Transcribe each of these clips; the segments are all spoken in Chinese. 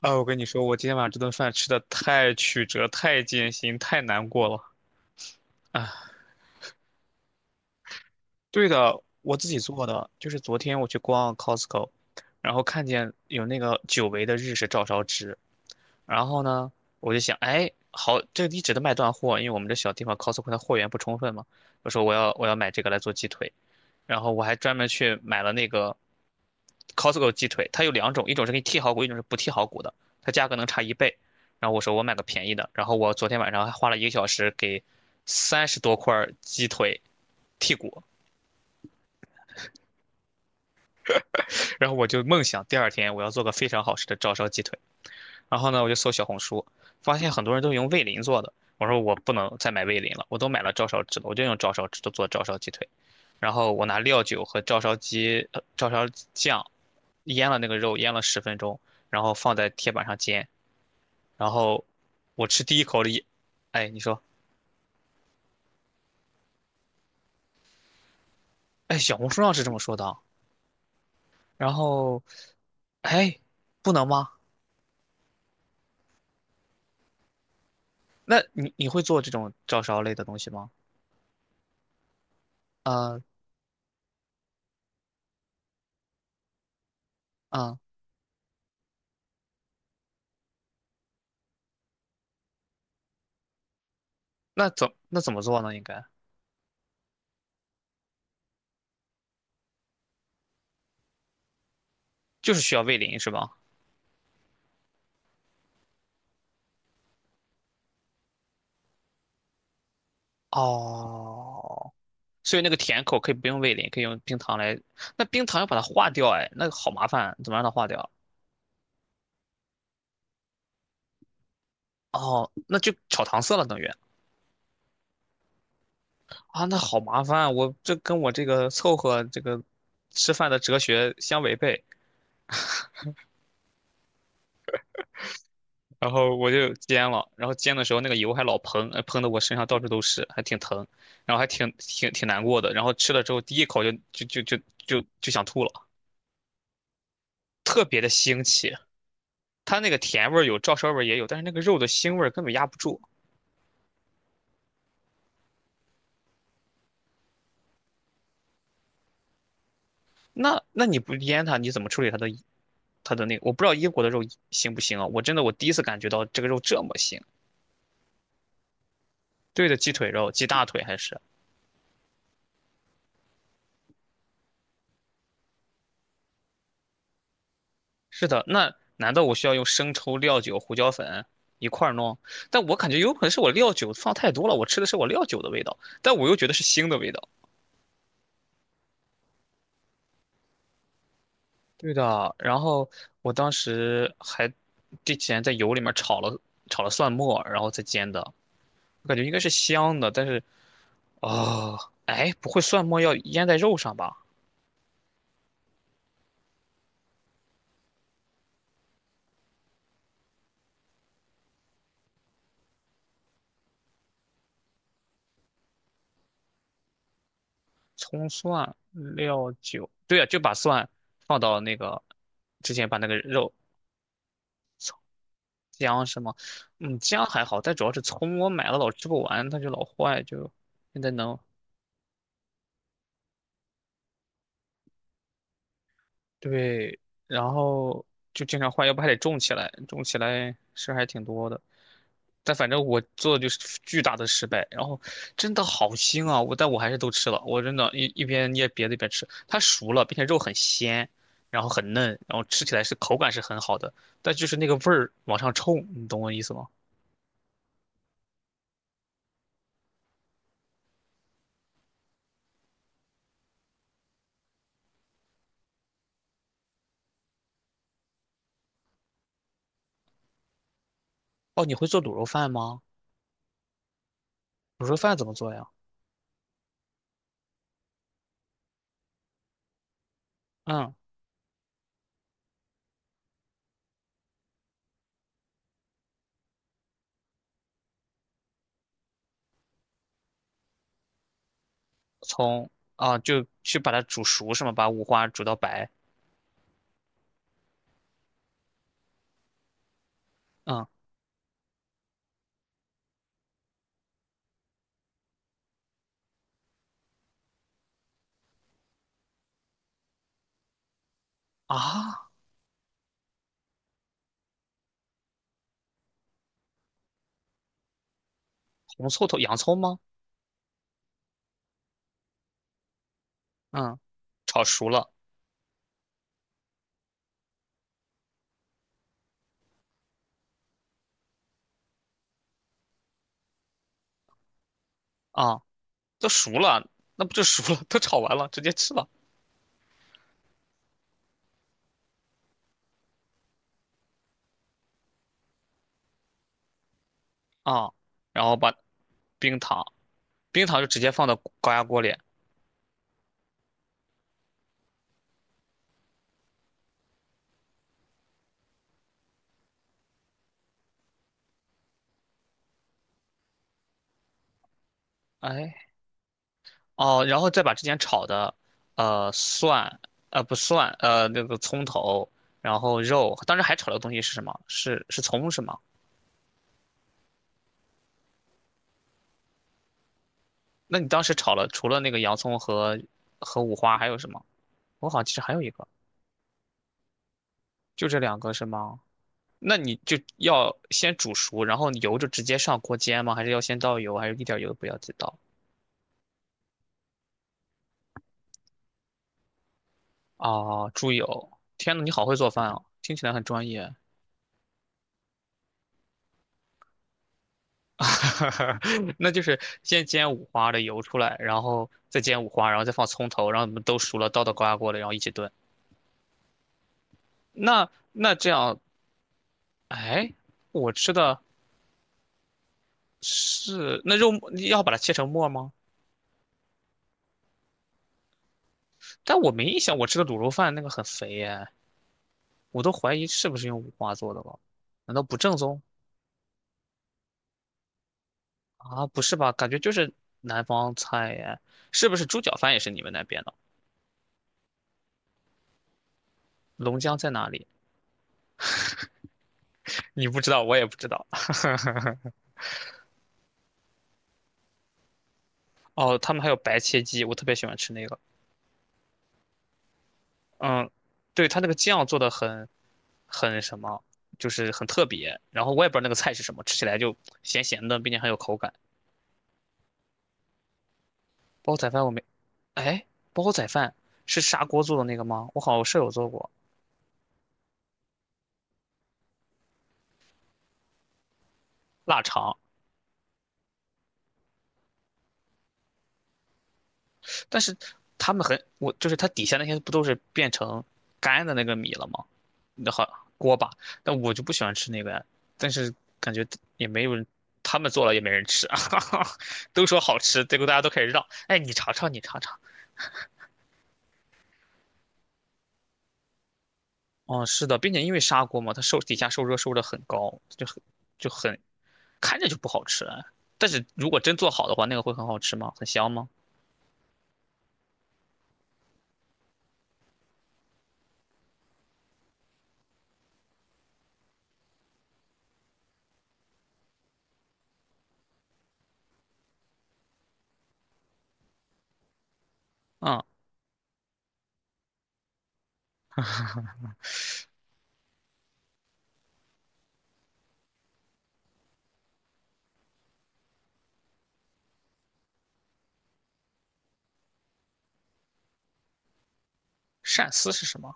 啊，我跟你说，我今天晚上这顿饭吃的太曲折、太艰辛、太难过了啊！对的，我自己做的，就是昨天我去逛 Costco，然后看见有那个久违的日式照烧汁，然后呢，我就想，哎，好，这个一直都卖断货，因为我们这小地方 Costco 它货源不充分嘛，我说我要买这个来做鸡腿，然后我还专门去买了那个 Costco 鸡腿，它有两种，一种是给你剔好骨，一种是不剔好骨的，它价格能差一倍。然后我说我买个便宜的，然后我昨天晚上还花了一个小时给30多块鸡腿剔骨，然后我就梦想第二天我要做个非常好吃的照烧鸡腿。然后呢，我就搜小红书，发现很多人都用味淋做的。我说我不能再买味淋了，我都买了照烧汁了，我就用照烧汁做做照烧鸡腿。然后我拿料酒和照烧酱腌了那个肉，腌了10分钟，然后放在铁板上煎。然后我吃第一口里，哎，你说，哎，小红书上是这么说的啊。然后，哎，不能吗？那你会做这种照烧类的东西吗？啊、啊、那怎么做呢？应该就是需要味淋是吧？哦，所以那个甜口可以不用味淋，可以用冰糖来。那冰糖要把它化掉，哎，那个好麻烦，怎么让它化掉？哦，那就炒糖色了，等于啊，那好麻烦，我这跟我这个凑合这个吃饭的哲学相违背。然后我就煎了，然后煎的时候那个油还老喷，喷的我身上到处都是，还挺疼，然后还挺难过的。然后吃了之后第一口就想吐了，特别的腥气。它那个甜味儿有，照烧味儿也有，但是那个肉的腥味儿根本压不住。那你不腌它，你怎么处理它的那个？我不知道英国的肉腥不腥啊？我真的我第一次感觉到这个肉这么腥。对的，鸡腿肉、鸡大腿还是是的。那难道我需要用生抽、料酒、胡椒粉一块儿弄？但我感觉有可能是我料酒放太多了，我吃的是我料酒的味道，但我又觉得是腥的味道。对的，然后我当时还之前在油里面炒了蒜末，然后再煎的。我感觉应该是香的，但是哦，哎，不会蒜末要腌在肉上吧？葱蒜料酒，对呀、就把蒜放到那个之前把那个肉姜是吗？嗯，姜还好，但主要是葱，我买了老吃不完，它就老坏，就现在能对，然后就经常换，要不还得种起来，种起来事儿还挺多的。但反正我做的就是巨大的失败，然后真的好腥啊！但我还是都吃了，我真的一边捏别的一边吃。它熟了，并且肉很鲜，然后很嫩，然后吃起来是口感是很好的，但就是那个味儿往上冲，你懂我意思吗？哦，你会做卤肉饭吗？卤肉饭怎么做呀？嗯，从啊就去把它煮熟是吗？把五花煮到白。嗯啊，红葱头、洋葱吗？嗯，炒熟了啊，都熟了，那不就熟了？都炒完了，直接吃了啊。然后把冰糖，冰糖就直接放到高压锅里。哎，哦，然后再把之前炒的，蒜，不蒜，那个葱头，然后肉，当时还炒的东西是什么？是葱是吗？那你当时炒了，除了那个洋葱和五花，还有什么？我好像其实还有一个，就这两个是吗？那你就要先煮熟，然后油就直接上锅煎吗？还是要先倒油，还是一点油都不要再倒？啊，猪油！天呐，你好会做饭哦，听起来很专业。那就是先煎五花的油出来，然后再煎五花，然后再放葱头，然后你们都熟了，倒到高压锅里，然后一起炖。那这样，哎，我吃的是那肉末，要把它切成末吗？但我没印象，我吃的卤肉饭那个很肥耶，我都怀疑是不是用五花做的了，难道不正宗？啊，不是吧？感觉就是南方菜耶，是不是猪脚饭也是你们那边的？龙江在哪里？你不知道，我也不知道。哦，他们还有白切鸡，我特别喜欢吃那个。嗯，对，他那个酱做的很什么，就是很特别。然后我也不知道那个菜是什么，吃起来就咸咸的，并且很有口感。煲仔饭我没，哎，煲仔饭是砂锅做的那个吗？我好像舍友做过腊肠。但是他们很，我就是它底下那些不都是变成干的那个米了吗？那好锅巴，但我就不喜欢吃那个呀。但是感觉也没有人，他们做了也没人吃啊，都说好吃，结果大家都开始让，哎，你尝尝，你尝尝。哦，是的，并且因为砂锅嘛，它受底下受热受的很高，就很就很看着就不好吃啊。但是如果真做好的话，那个会很好吃吗？很香吗？嗯，鳝丝是什么？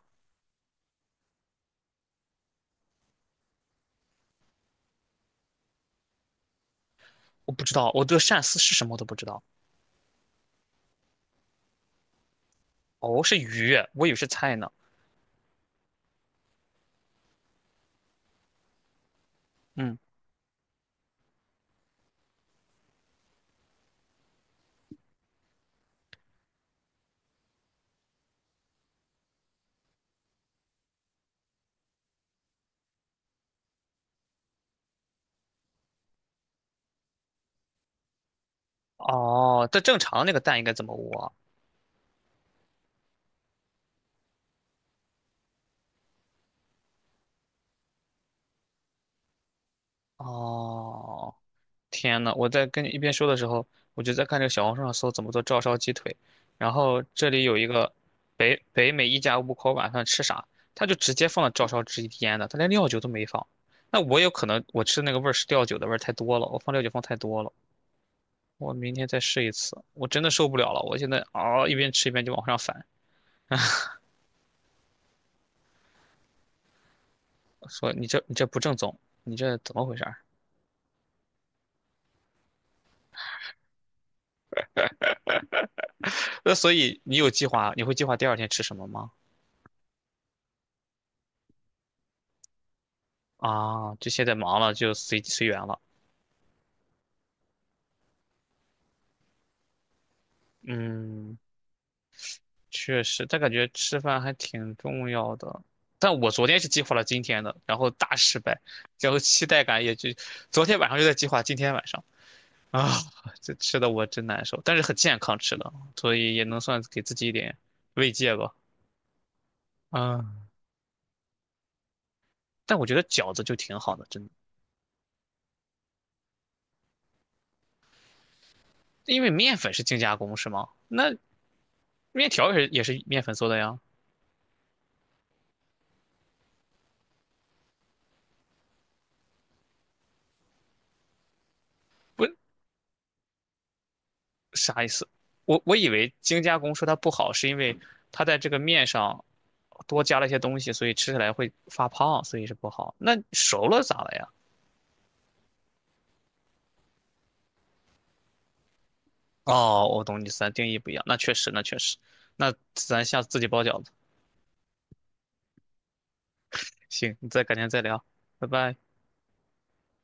我不知道，我对鳝丝是什么我都不知道。哦，是鱼，我以为是菜呢。嗯，哦，这正常那个蛋应该怎么捂啊哦，天呐，我在跟你一边说的时候，我就在看这个小红书上搜怎么做照烧鸡腿，然后这里有一个北美一家五口晚上吃啥，他就直接放了照烧汁腌的，他连料酒都没放。那我有可能我吃的那个味儿是料酒的味儿太多了，我放料酒放太多了。我明天再试一次，我真的受不了了，我现在嗷、一边吃一边就往上反，说你这不正宗，你这怎么回事儿？那所以你有计划，你会计划第二天吃什么吗？啊，就现在忙了，就随缘了。嗯，确实，但感觉吃饭还挺重要的。但我昨天是计划了今天的，然后大失败，然后期待感也就昨天晚上就在计划今天晚上啊，这吃的我真难受，但是很健康吃的，所以也能算给自己一点慰藉吧。啊，但我觉得饺子就挺好的，真的，因为面粉是精加工是吗？那面条也是面粉做的呀。不，啥意思？我以为精加工说它不好，是因为它在这个面上多加了一些东西，所以吃起来会发胖，所以是不好。那熟了咋了呀？哦，我懂你意思，定义不一样，那确实，那确实，那咱下次自己包饺子。行，你再改天再聊，拜拜。